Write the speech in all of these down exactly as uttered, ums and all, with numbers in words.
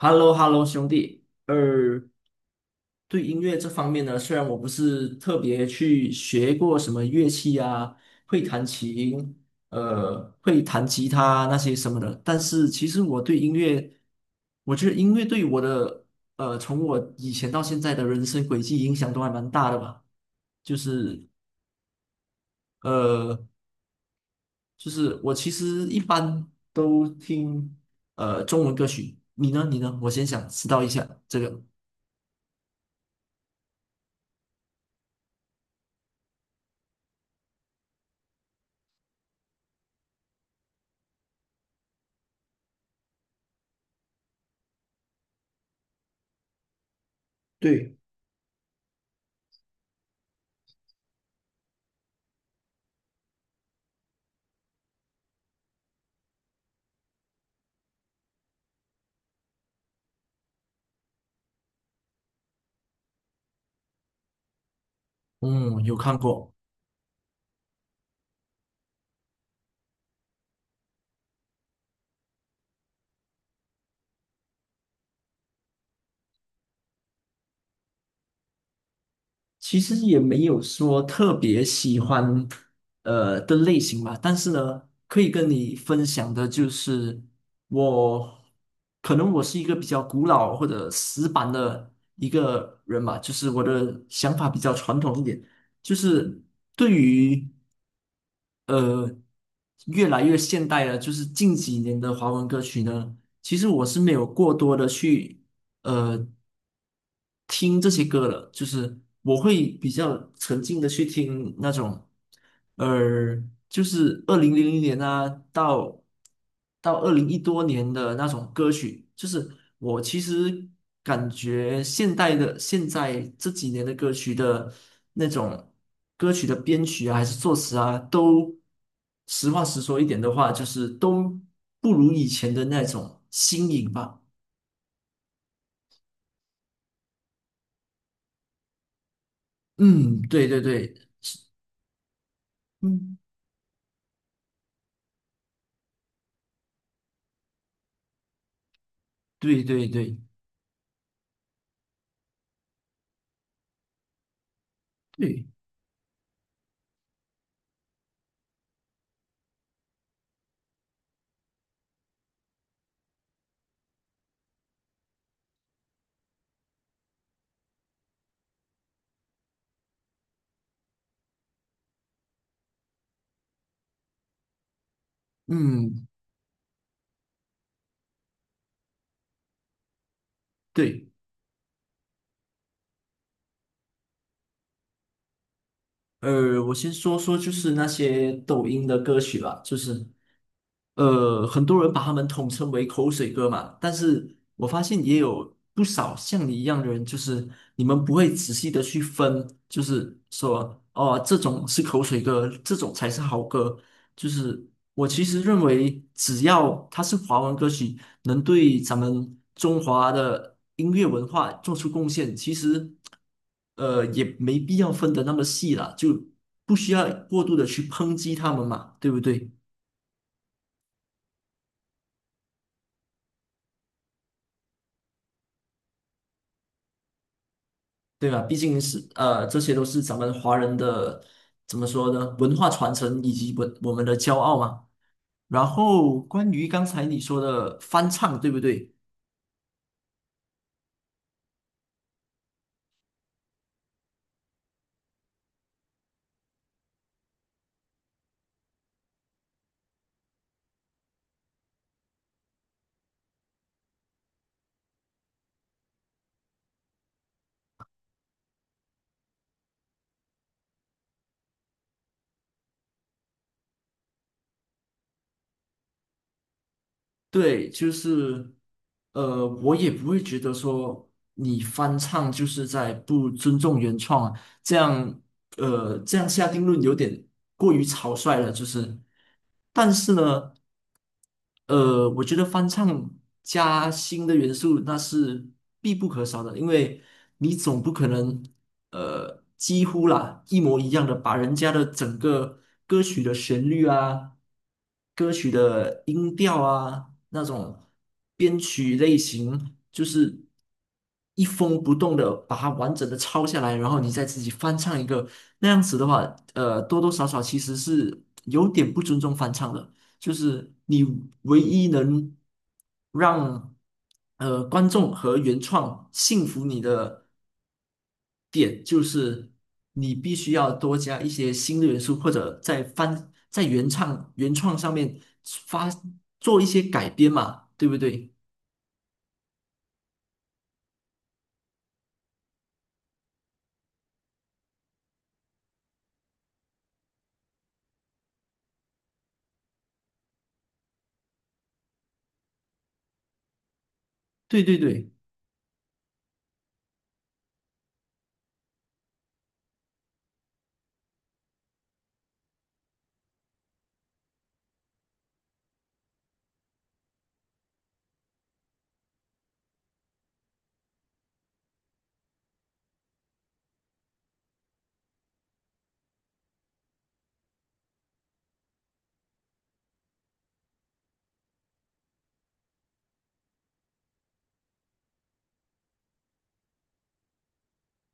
h e l l o h e l l o 兄弟。呃，对音乐这方面呢，虽然我不是特别去学过什么乐器啊，会弹琴，呃，会弹吉他那些什么的，但是其实我对音乐，我觉得音乐对我的，呃，从我以前到现在的人生轨迹影响都还蛮大的吧。就是，呃，就是我其实一般都听，呃，中文歌曲。你呢？你呢？我先想知道一下这个。对，嗯，有看过。其实也没有说特别喜欢呃的类型吧，但是呢，可以跟你分享的就是我可能我是一个比较古老或者死板的一个人吧，就是我的想法比较传统一点，就是对于呃越来越现代的，就是近几年的华文歌曲呢，其实我是没有过多的去。呃听这些歌了，就是我会比较沉浸的去听那种，呃，就是二零零零年啊，到到二零一多年的那种歌曲，就是我其实感觉现代的现在这几年的歌曲的那种歌曲的编曲啊、还是作词啊，都实话实说一点的话，就是都不如以前的那种新颖吧。嗯，对对对，嗯，对对对。对，嗯，对，呃，我先说说就是那些抖音的歌曲吧，就是呃，很多人把他们统称为口水歌嘛，但是我发现也有不少像你一样的人，就是你们不会仔细的去分，就是说哦，这种是口水歌，这种才是好歌。就是我其实认为，只要它是华文歌曲，能对咱们中华的音乐文化做出贡献，其实呃也没必要分得那么细了，就不需要过度的去抨击他们嘛，对不对？对吧？毕竟是呃，这些都是咱们华人的怎么说呢？文化传承以及我我们的骄傲嘛。然后关于刚才你说的翻唱，对不对？对，就是呃，我也不会觉得说你翻唱就是在不尊重原创啊。这样呃这样下定论有点过于草率了，就是，但是呢，呃，我觉得翻唱加新的元素那是必不可少的，因为你总不可能呃几乎啦一模一样的把人家的整个歌曲的旋律啊、歌曲的音调啊那种编曲类型就是。一封不动的把它完整的抄下来，然后你再自己翻唱一个，那样子的话，呃，多多少少其实是有点不尊重翻唱的，就是你唯一能让呃观众和原创信服你的点，就是你必须要多加一些新的元素，或者在翻在原唱原创上面发做一些改编嘛，对不对？对对对，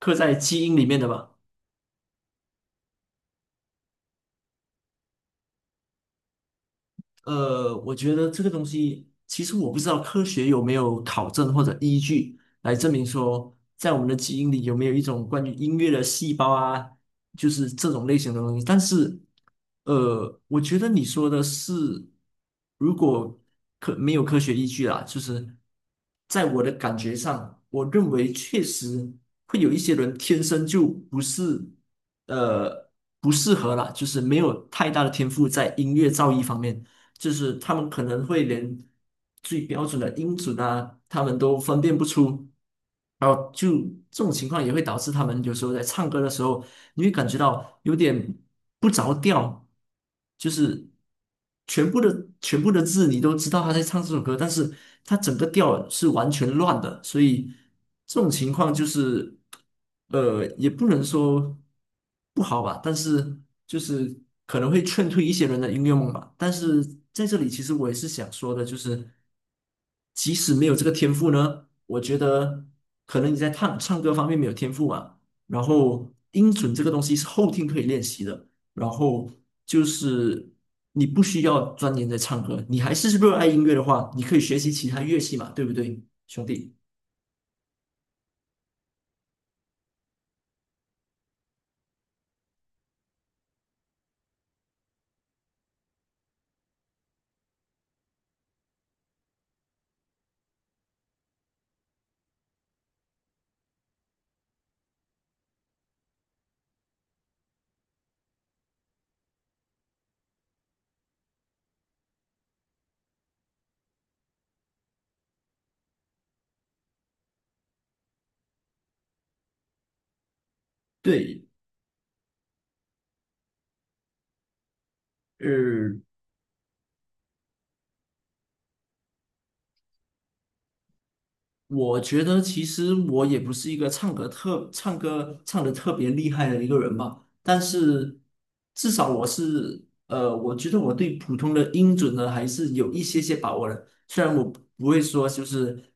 刻在基因里面的吧。呃，我觉得这个东西，其实我不知道科学有没有考证或者依据来证明说，在我们的基因里有没有一种关于音乐的细胞啊，就是这种类型的东西。但是，呃，我觉得你说的是，如果科没有科学依据啦，就是在我的感觉上，我认为确实会有一些人天生就不是，呃，不适合啦，就是没有太大的天赋在音乐造诣方面。就是他们可能会连最标准的音准啊，他们都分辨不出，然后就这种情况也会导致他们有时候在唱歌的时候，你会感觉到有点不着调，就是全部的全部的字你都知道他在唱这首歌，但是他整个调是完全乱的，所以这种情况就是，呃，也不能说。不好吧，但是就是可能会劝退一些人的音乐梦吧。但是在这里，其实我也是想说的，就是即使没有这个天赋呢，我觉得可能你在唱唱歌方面没有天赋啊。然后音准这个东西是后天可以练习的，然后就是你不需要钻研在唱歌，你还是热爱音乐的话，你可以学习其他乐器嘛，对不对，兄弟？对，呃，我觉得其实我也不是一个唱歌特唱歌唱的特别厉害的一个人吧，但是至少我是呃，我觉得我对普通的音准呢还是有一些些把握的。虽然我不不会说就是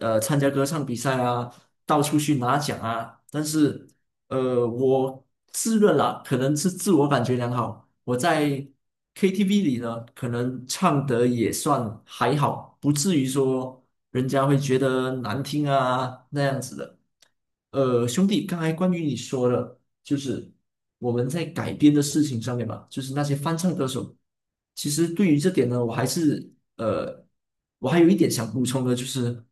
呃参加歌唱比赛啊，到处去拿奖啊，但是呃，我自认啦，可能是自我感觉良好。我在 K T V 里呢，可能唱得也算还好，不至于说人家会觉得难听啊那样子的。呃，兄弟，刚才关于你说的，就是我们在改编的事情上面嘛，就是那些翻唱歌手，其实对于这点呢，我还是呃，我还有一点想补充的，就是。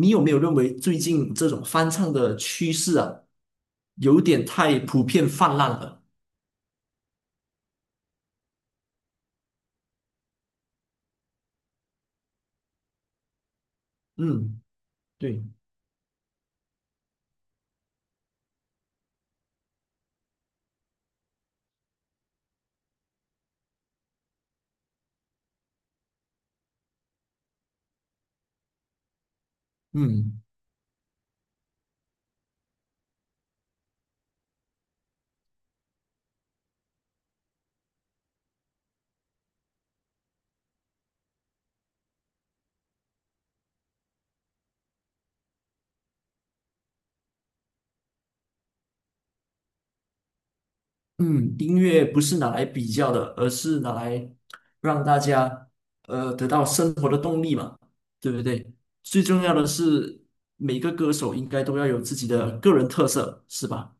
你有没有认为最近这种翻唱的趋势啊，有点太普遍泛滥了？嗯对，嗯嗯，音乐不是拿来比较的，而是拿来让大家呃得到生活的动力嘛，对不对？最重要的是每个歌手应该都要有自己的个人特色，是吧？